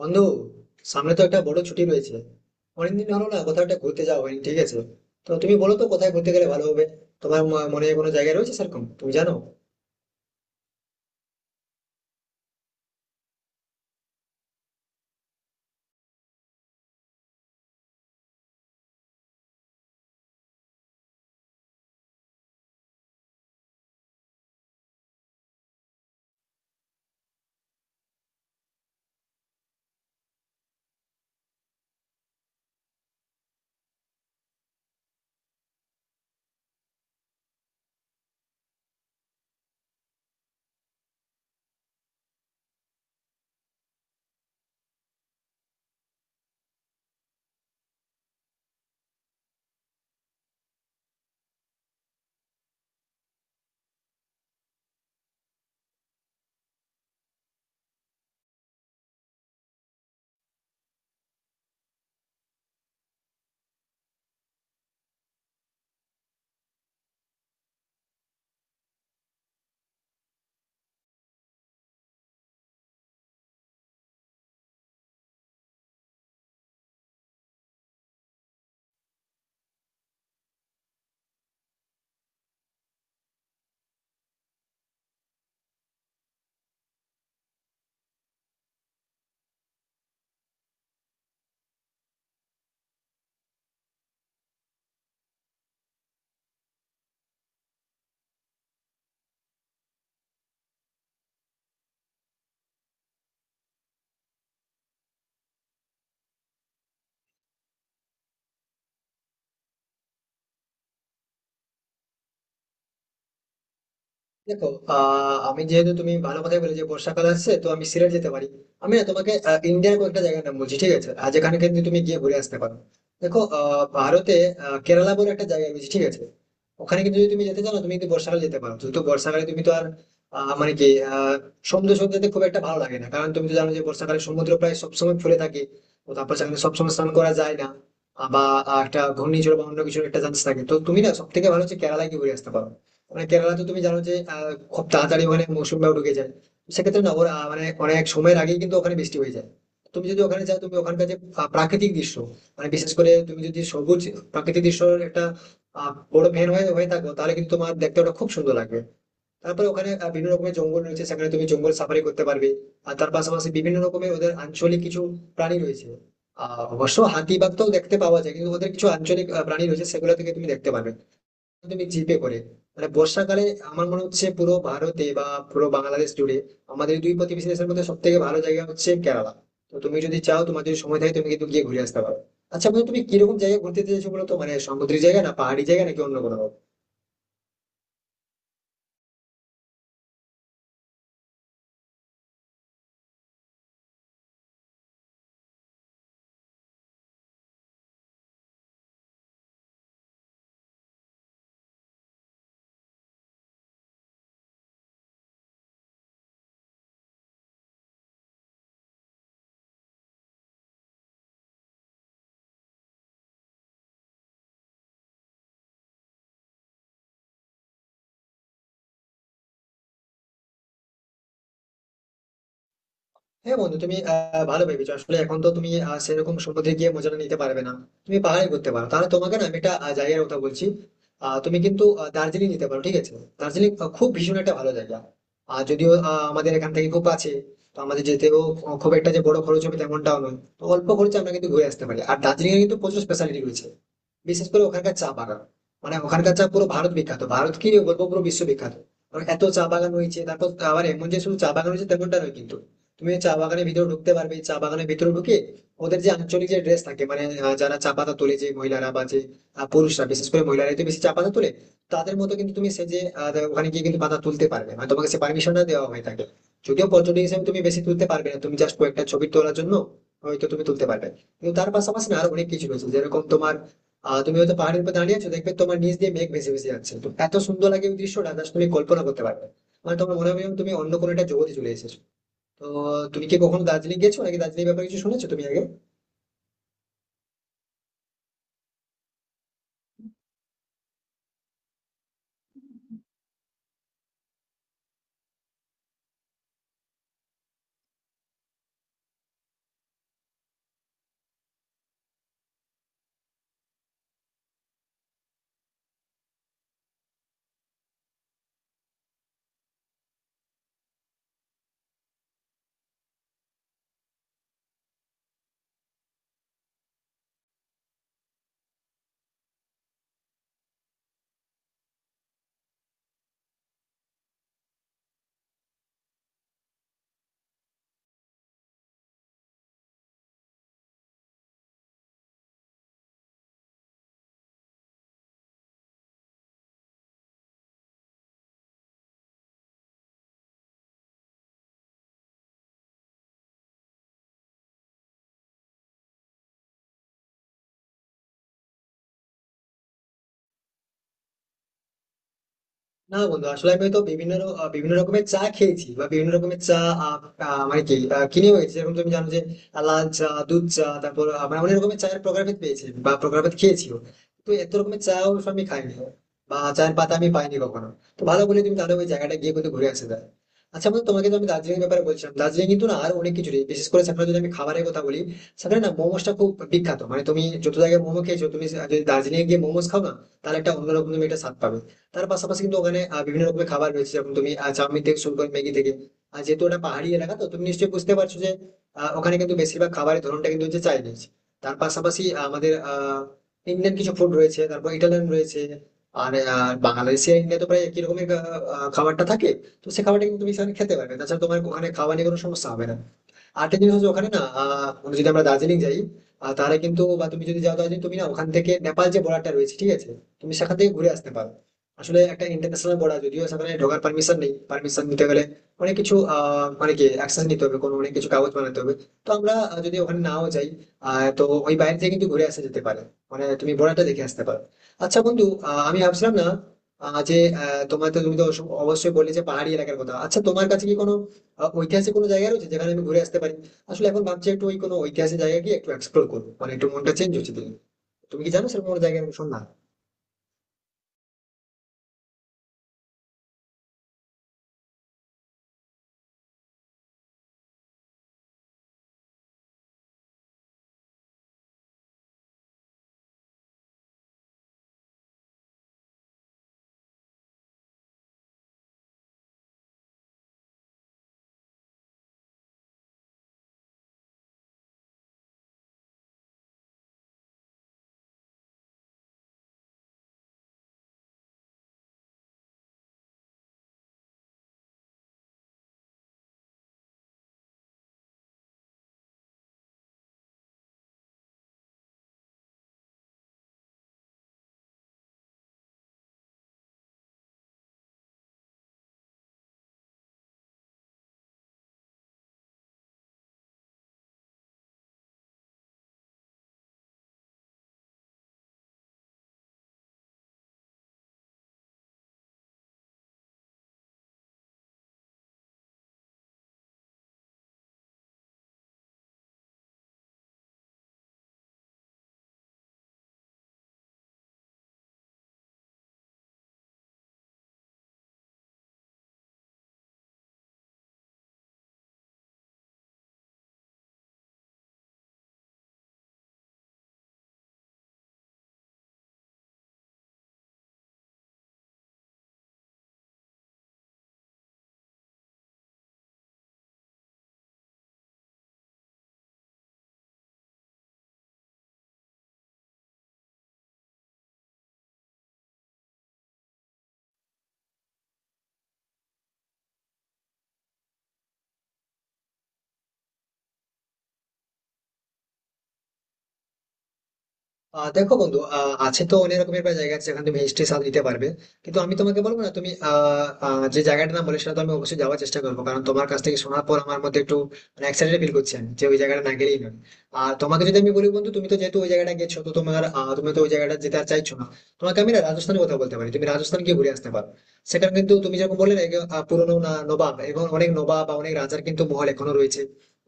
বন্ধু, সামনে তো একটা বড় ছুটি রয়েছে। অনেকদিন হলো না, কোথাও একটা ঘুরতে যাওয়া হয়নি। ঠিক আছে, তো তুমি বলো তো কোথায় ঘুরতে গেলে ভালো হবে। তোমার মনে কোনো জায়গা রয়েছে সেরকম তুমি জানো? দেখো, আমি যেহেতু তুমি ভালো কথাই বলে যে বর্ষাকাল আসছে, তো আমি সিলেট যেতে পারি। আমি না তোমাকে ইন্ডিয়ার কয়েকটা জায়গার নাম বলছি, ঠিক আছে? আর যেখানে কিন্তু তুমি গিয়ে ঘুরে আসতে পারো। দেখো, ভারতে কেরালা বলে একটা জায়গা রয়েছে, ঠিক আছে? ওখানে কিন্তু যদি তুমি যেতে চাও না, তুমি কিন্তু বর্ষাকালে যেতে পারো। কিন্তু বর্ষাকালে তুমি তো আর মানে কি, আহ সমুদ্র সৈকত যেতে খুব একটা ভালো লাগে না, কারণ তুমি তো জানো যে বর্ষাকালে সমুদ্র প্রায় সবসময় ফুলে থাকে। তো তারপর সেখানে সবসময় স্নান করা যায় না। বা একটা ঘূর্ণিঝড় বা অন্য কিছুর একটা চান্স থাকে, তো তুমি না সব থেকে ভালো হচ্ছে কেরালায় গিয়ে ঘুরে আসতে পারো। মানে কেরালা তো তুমি জানো যে খুব তাড়াতাড়ি ওখানে মৌসুমটাও ঢুকে যায়। তো সেক্ষেত্রে না ওরা মানে অনেক সময়ের আগেই কিন্তু ওখানে বৃষ্টি হয়ে যায়। তুমি যদি ওখানে যাও, তুমি ওখানকার যে প্রাকৃতিক দৃশ্য, মানে বিশেষ করে তুমি যদি সবুজ প্রাকৃতিক দৃশ্যের একটা বড় ফ্যান হয়ে হয়ে থাকো, তাহলে কিন্তু তোমার দেখতে ওটা খুব সুন্দর লাগবে। তারপরে ওখানে বিভিন্ন রকমের জঙ্গল রয়েছে, সেখানে তুমি জঙ্গল সাফারি করতে পারবে। আর তার পাশাপাশি বিভিন্ন রকমের ওদের আঞ্চলিক কিছু প্রাণী রয়েছে। অবশ্য হাতি বাঘ তো দেখতে পাওয়া যায়, কিন্তু ওদের কিছু আঞ্চলিক প্রাণী রয়েছে সেগুলো থেকে তুমি দেখতে পাবে। তুমি জিপে করে, মানে বর্ষাকালে আমার মনে হচ্ছে পুরো ভারতে বা পুরো বাংলাদেশ জুড়ে আমাদের দুই প্রতিবেশী দেশের মধ্যে সব থেকে ভালো জায়গা হচ্ছে কেরালা। তো তুমি যদি চাও, তোমার যদি সময় থাকে, তুমি কিন্তু গিয়ে ঘুরে আসতে পারো। আচ্ছা বন্ধু, তুমি কিরকম জায়গায় ঘুরতে যেতে চাইছো বলো তো, মানে সমুদ্রের জায়গা না পাহাড়ি জায়গা নাকি অন্য কোনো? হ্যাঁ বন্ধু, তুমি ভালো ভেবেছো। আসলে এখন তো তুমি সেরকম সমুদ্রে গিয়ে মজাটা নিতে পারবে না। তুমি পাহাড়ে করতে পারো, তাহলে তোমাকে না আমি একটা জায়গার কথা বলছি। তুমি কিন্তু দার্জিলিং নিতে পারো, ঠিক আছে? দার্জিলিং খুব ভীষণ একটা ভালো জায়গা। আর যদিও আমাদের এখান থেকে খুব কাছে, তো আমাদের যেতেও খুব একটা যে বড় খরচ হবে তেমনটাও নয়। তো অল্প খরচে আমরা কিন্তু ঘুরে আসতে পারি। আর দার্জিলিং এর কিন্তু প্রচুর স্পেশালিটি রয়েছে, বিশেষ করে ওখানকার চা বাগান। মানে ওখানকার চা পুরো ভারত বিখ্যাত, ভারত কি বলবো, পুরো বিশ্ব বিখ্যাত। কারণ এত চা বাগান হয়েছে, তারপর আবার এমন যে শুধু চা বাগান হয়েছে তেমনটা নয় কিন্তু। তুমি ওই চা বাগানের ভিতরে ঢুকতে পারবে। চা বাগানের ভিতরে ঢুকে ওদের যে আঞ্চলিক যে ড্রেস থাকে, মানে যারা চা পাতা তোলে, যে মহিলারা বা যে পুরুষরা, বিশেষ করে মহিলারা তো বেশি চা পাতা তোলে, তাদের মতো কিন্তু তুমি সে যে ওখানে গিয়ে কিন্তু পাতা তুলতে পারবে। মানে তোমাকে সে পারমিশনটা দেওয়া হয়ে থাকে। যদিও পর্যটক হিসেবে তুমি বেশি তুলতে পারবে না, তুমি জাস্ট কয়েকটা ছবি তোলার জন্য হয়তো তুমি তুলতে পারবে। কিন্তু তার পাশাপাশি না আরো অনেক কিছু রয়েছে, যেরকম তোমার, তুমি হয়তো পাহাড়ের উপর দাঁড়িয়ে আছো, দেখবে তোমার নিচ দিয়ে মেঘ ভেসে ভেসে যাচ্ছে। তো এত সুন্দর লাগে ওই দৃশ্যটা, জাস্ট তুমি কল্পনা করতে পারবে না। মানে তোমার মনে হবে যেন তুমি অন্য কোনো একটা জগতে চলে এসেছো। তো তুমি কি কখনো দার্জিলিং গেছো, নাকি দার্জিলিং ব্যাপারে কিছু শুনেছো তুমি আগে? না বন্ধু, আসলে আমি তো বিভিন্ন রকমের চা খেয়েছি, বা বিভিন্ন রকমের চা আহ, আহ, মানে কি, কিনে হয়েছে। যেরকম তুমি জানো যে লাল চা, দুধ চা, তারপর আমরা অনেক রকমের চায়ের প্রকারভেদ পেয়েছি বা প্রকারভেদ খেয়েছিও। তো এত রকমের চা অবশ্য আমি খাইনি বা চায়ের পাতা আমি পাইনি কখনো। তো ভালো বলে, তুমি তাহলে ওই জায়গাটা গিয়ে কিন্তু ঘুরে আসতে পারো। আচ্ছা বন্ধু, তোমাকে তো আমি দার্জিলিং এর ব্যাপারে বলছিলাম। দার্জিলিং কিন্তু না আর অনেক কিছু রয়েছে, বিশেষ করে সেখানে যদি আমি খাবারের কথা বলি, সেখানে না মোমোসটা খুব বিখ্যাত। মানে তুমি যত জায়গায় মোমো খেয়েছো, তুমি যদি দার্জিলিং এ গিয়ে মোমোস খাও না, তাহলে একটা অন্যরকম তুমি একটা স্বাদ পাবে। তার পাশাপাশি কিন্তু ওখানে বিভিন্ন রকমের খাবার রয়েছে, যেমন তুমি চাউমিন থেকে শুরু করে ম্যাগি থেকে। আর যেহেতু ওটা পাহাড়ি এলাকা, তো তুমি নিশ্চয়ই বুঝতে পারছো যে ওখানে কিন্তু বেশিরভাগ খাবারের ধরনটা কিন্তু হচ্ছে চাইনিজ। তার পাশাপাশি আমাদের ইন্ডিয়ান কিছু ফুড রয়েছে, তারপর ইটালিয়ান রয়েছে। আর বাংলাদেশে ইন্ডিয়া তো প্রায় একই রকমের আহ, আহ, খাবারটা থাকে। তো সে খাবারটা কিন্তু তুমি সেখানে খেতে পারবে, তাছাড়া তোমার ওখানে খাওয়া নিয়ে কোনো সমস্যা হবে না। আরেকটা জিনিস হচ্ছে ওখানে না, মানে যদি আমরা দার্জিলিং যাই, তাহলে কিন্তু, বা তুমি যদি যাও দার্জিলিং, তুমি না ওখান থেকে নেপাল যে বর্ডারটা রয়েছে, ঠিক আছে? তুমি সেখান থেকে ঘুরে আসতে পারো। আসলে একটা ইন্টারন্যাশনাল বর্ডার, যদিও সেখানে ঢোকার পারমিশন নেই, পারমিশন নিতে গেলে অনেক কিছু মানে কি, অ্যাকশন নিতে হবে, কোনো অনেক কিছু কাগজ বানাতে হবে। তো আমরা যদি ওখানে নাও যাই, তো ওই বাইরে থেকে কিন্তু ঘুরে আসা যেতে পারে। মানে তুমি বর্ডারটা দেখে আসতে পারো। আচ্ছা বন্ধু, আমি ভাবছিলাম না, আহ, যে তোমার তো, তুমি তো অবশ্যই বললে যে পাহাড়ি এলাকার কথা। আচ্ছা তোমার কাছে কি কোনো ঐতিহাসিক কোনো জায়গা রয়েছে যেখানে আমি ঘুরে আসতে পারি? আসলে এখন ভাবছি একটু ওই কোনো ঐতিহাসিক জায়গা গিয়ে একটু এক্সপ্লোর করবো, মানে একটু মনটা চেঞ্জ হচ্ছে দিন। তুমি কি জানো সেরকম কোনো জায়গা? শোন না, দেখো বন্ধু, আছে তো অনেক রকমের প্রায় জায়গা আছে যেখানে তুমি হিস্ট্রি স্বাদ নিতে পারবে। কিন্তু আমি তোমাকে বলবো না, তুমি আহ, আহ, যে জায়গাটার নাম বলে, সেটা তো আমি অবশ্যই যাওয়ার চেষ্টা করবো, কারণ তোমার কাছ থেকে শোনার পর আমার মধ্যে একটু, মানে এক্সাইটেড ফিল করছি আমি যে ওই জায়গাটা না গেলেই নয়। আর তোমাকে যদি আমি বলি, বন্ধু তুমি তো যেহেতু ওই জায়গাটা গেছো, তো তোমার তুমি তো ওই জায়গাটা যেতে আর চাইছো না। তোমাকে আমি না রাজস্থানের কথা বলতে পারি, তুমি রাজস্থান গিয়ে ঘুরে আসতে পারো। সেখানে কিন্তু তুমি যেরকম বললে না এগুলো, পুরোনো না, নবাব এবং অনেক নবাব বা অনেক রাজার কিন্তু মহল এখনো রয়েছে।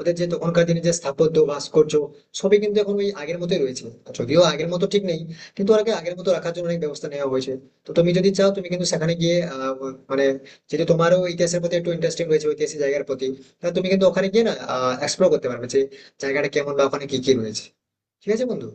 ওদের যে তখনকার দিনে যে স্থাপত্য ভাস্কর্য, সবই কিন্তু এখন ওই আগের মতোই রয়েছে। আর যদিও আগের মতো ঠিক নেই, কিন্তু ওটাকে আগের মতো রাখার জন্য অনেক ব্যবস্থা নেওয়া হয়েছে। তো তুমি যদি চাও, তুমি কিন্তু সেখানে গিয়ে মানে, যেহেতু তোমারও ইতিহাসের প্রতি একটু ইন্টারেস্টিং রয়েছে, ঐতিহাসিক জায়গার প্রতি, তাহলে তুমি কিন্তু ওখানে গিয়ে না এক্সপ্লোর করতে পারবে যে জায়গাটা কেমন বা ওখানে কি কি রয়েছে। ঠিক আছে বন্ধু?